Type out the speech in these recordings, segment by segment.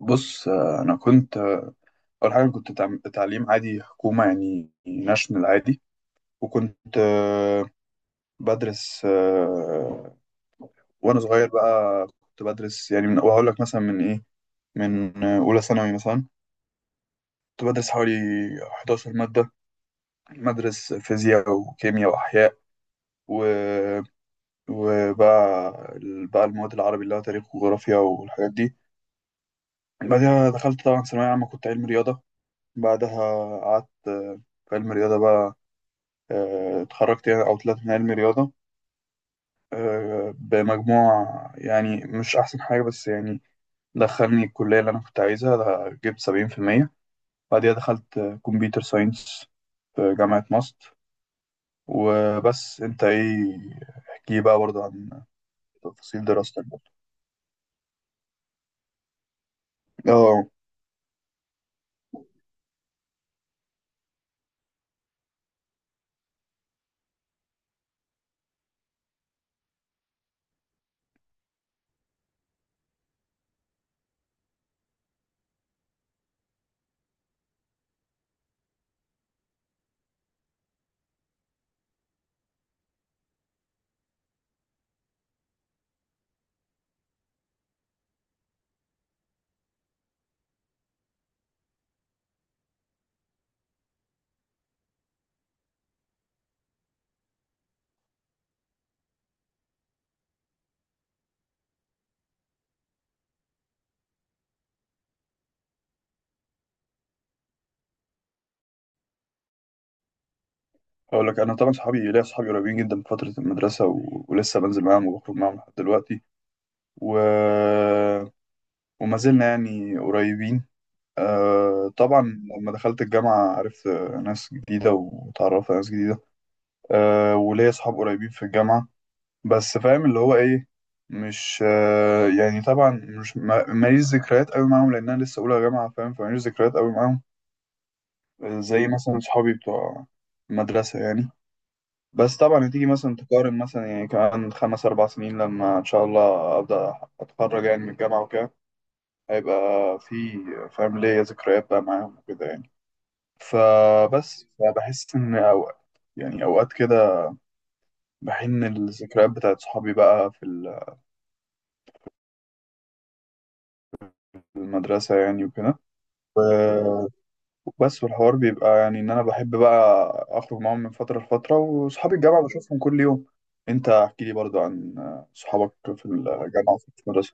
بص انا كنت اول حاجه كنت تعليم عادي حكومه يعني ناشونال عادي. وكنت بدرس وانا صغير بقى كنت بدرس يعني من وهقول لك مثلا من اولى ثانوي مثلا. كنت بدرس حوالي 11 ماده، بدرس فيزياء وكيمياء واحياء و... وبقى بقى المواد العربي اللي هو تاريخ وجغرافيا والحاجات دي. بعدها دخلت طبعا ثانويه عامه، كنت علم رياضه. بعدها قعدت في علم الرياضه بقى. اتخرجت يعني او طلعت من علم رياضه بمجموع يعني مش احسن حاجه، بس يعني دخلني الكليه اللي انا كنت عايزها. ده جبت 70%. بعديها دخلت كمبيوتر ساينس في جامعه ماست. وبس، انت ايه، احكي بقى برضه عن تفاصيل دراستك برضه. اه، اقول لك، انا طبعا صحابي، ليا صحابي قريبين جدا من فتره المدرسه ولسه بنزل معاهم وبخرج معاهم لحد دلوقتي، و... وما زلنا يعني قريبين. أه طبعا لما دخلت الجامعة عرفت ناس جديدة، وتعرفت على ناس جديدة. أه، وليا أصحاب قريبين في الجامعة، بس فاهم اللي هو إيه، مش أه يعني طبعا مش ماليش ذكريات قوي معاهم، لأن أنا لسه أولى جامعة، فاهم، فماليش ذكريات قوي معاهم زي مثلا صحابي بتوع المدرسة يعني. بس طبعا هتيجي مثلا تقارن مثلا يعني كمان خمس أربع سنين لما إن شاء الله أبدأ أتخرج يعني من الجامعة وكده، هيبقى في، فاهم، ليا ذكريات بقى معاهم وكده يعني. فبس، فبحس إن أوقات يعني أوقات كده بحن الذكريات بتاعت صحابي بقى في في المدرسة يعني وكده. و- وبس، والحوار بيبقى يعني إن أنا بحب بقى أخرج معاهم من فترة لفترة، وصحابي الجامعة بشوفهم كل يوم. أنت احكي لي برضو عن صحابك في الجامعة وفي المدرسة.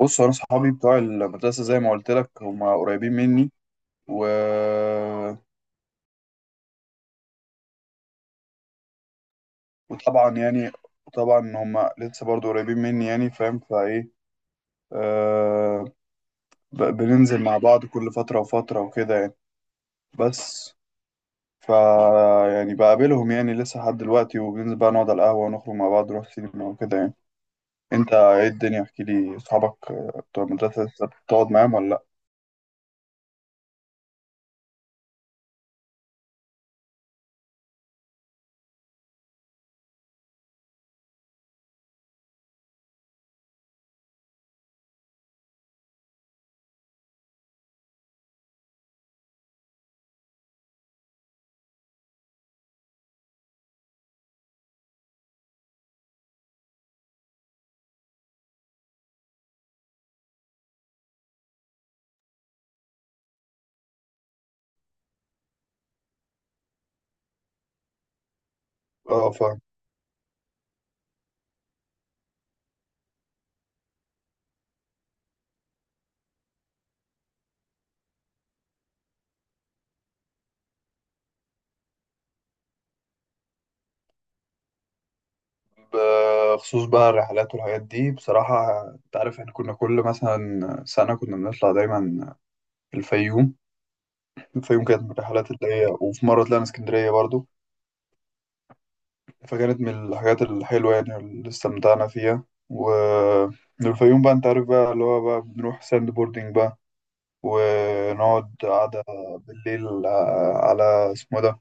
بص أنا صحابي بتوع المدرسة، زي ما قلت لك، هم قريبين مني و... وطبعا يعني طبعا هم لسه برضو قريبين مني يعني فاهم، فإيه، آه، بننزل مع بعض كل فترة وفترة وكده يعني. بس فا يعني بقابلهم يعني لسه لحد دلوقتي، وبننزل بقى نقعد على القهوة ونخرج مع بعض، نروح سينما وكده يعني. انت ايه الدنيا، احكي لي، اصحابك بتوع المدرسة لسه بتقعد معاهم ولا لا؟ اه فاهم. بخصوص بقى الرحلات والحاجات دي، بصراحة انت عارف احنا كنا كل مثلا سنة كنا بنطلع دايما الفيوم. الفيوم كانت من الرحلات اللي هي، وفي مرة طلعنا اسكندرية برضو. فكانت من الحاجات الحلوة يعني اللي استمتعنا فيها. و الفيوم بقى انت عارف بقى اللي هو بقى بنروح ساند بوردنج بقى، ونقعد قعدة بالليل على اسمه ده،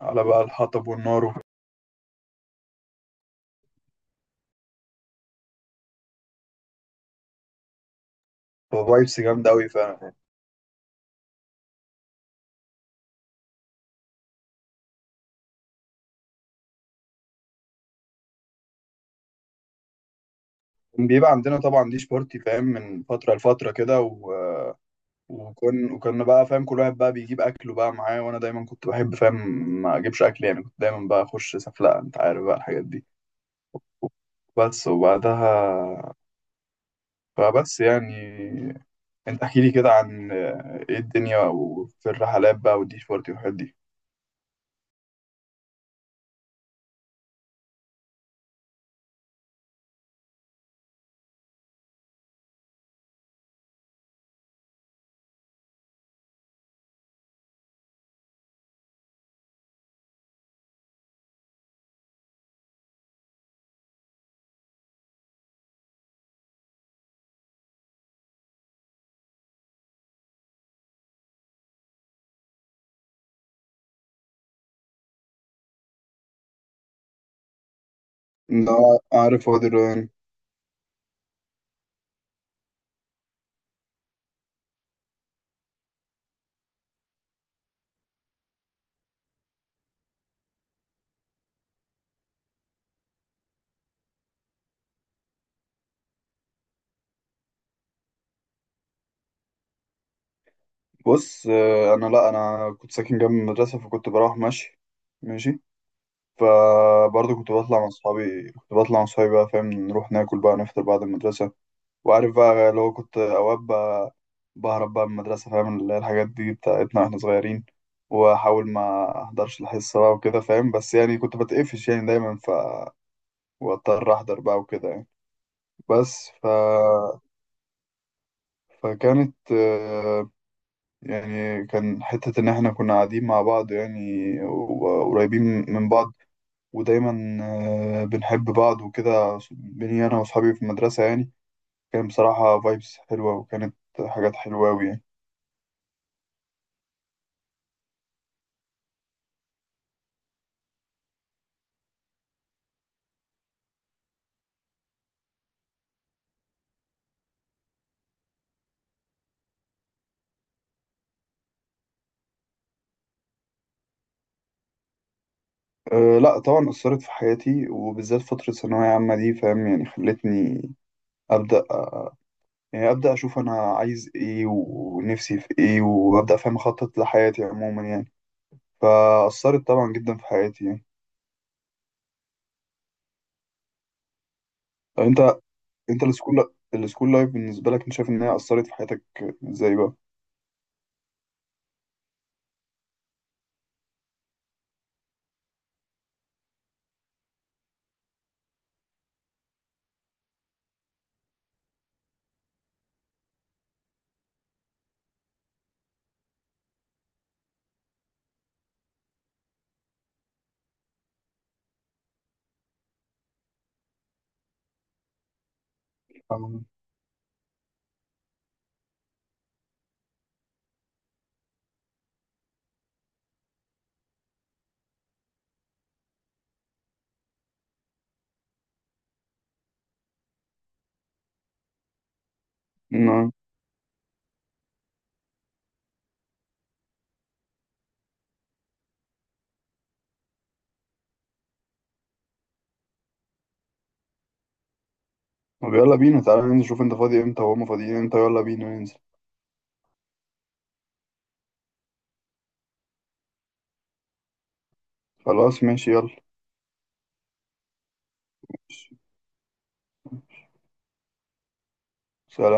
على بقى الحطب والنار. وفايبس جامدة أوي فعلا. يعني بيبقى عندنا طبعا ديش بارتي فاهم من فترة لفترة كده. وكنا بقى فاهم كل واحد بقى بيجيب أكله بقى معاه، وأنا دايما كنت بحب فاهم ما أجيبش أكل، يعني كنت دايما بقى أخش سفلقة، أنت عارف بقى الحاجات دي. بس، وبعدها فبس يعني، انت احكي لي كده عن ايه الدنيا وفي الرحلات بقى والديش بارتي والحاجات دي. لا، عارف وادي الريان. بص انا لا، انا كنت ساكن جنب المدرسه، فكنت بروح ماشي، ماشي. فبرضه كنت بطلع مع اصحابي، كنت بطلع مع اصحابي بقى، فاهم، نروح ناكل بقى، نفطر بعد المدرسه. وعارف بقى اللي هو كنت اوقات بقى بهرب بقى من المدرسه فاهم، اللي هي الحاجات دي بتاعتنا واحنا صغيرين، واحاول ما احضرش الحصه بقى وكده فاهم. بس يعني كنت بتقفش يعني دايما، ف واضطر احضر بقى وكده يعني. بس ف... فكانت يعني كان حتة إن إحنا كنا قاعدين مع بعض يعني، وقريبين من بعض، ودايما بنحب بعض وكده بيني أنا وأصحابي في المدرسة يعني. كان بصراحة فايبس حلوة، وكانت حاجات حلوة أوي يعني. أه لأ طبعا أثرت في حياتي، وبالذات فترة ثانوية عامة دي فاهم، يعني خلتني أبدأ يعني أبدأ أشوف أنا عايز إيه ونفسي في إيه، وأبدأ فاهم أخطط لحياتي عموما يعني. فأثرت طبعا جدا في حياتي يعني. طب انت، انت السكول، السكول لايف بالنسبة لك انت شايف ان هي أثرت في حياتك ازاي بقى؟ آه. نعم. طب يلا بينا تعالى ننزل، شوف انت فاضي امتى وهما فاضيين امتى، يلا بينا ننزل. خلاص ماشي، يلا. سلام.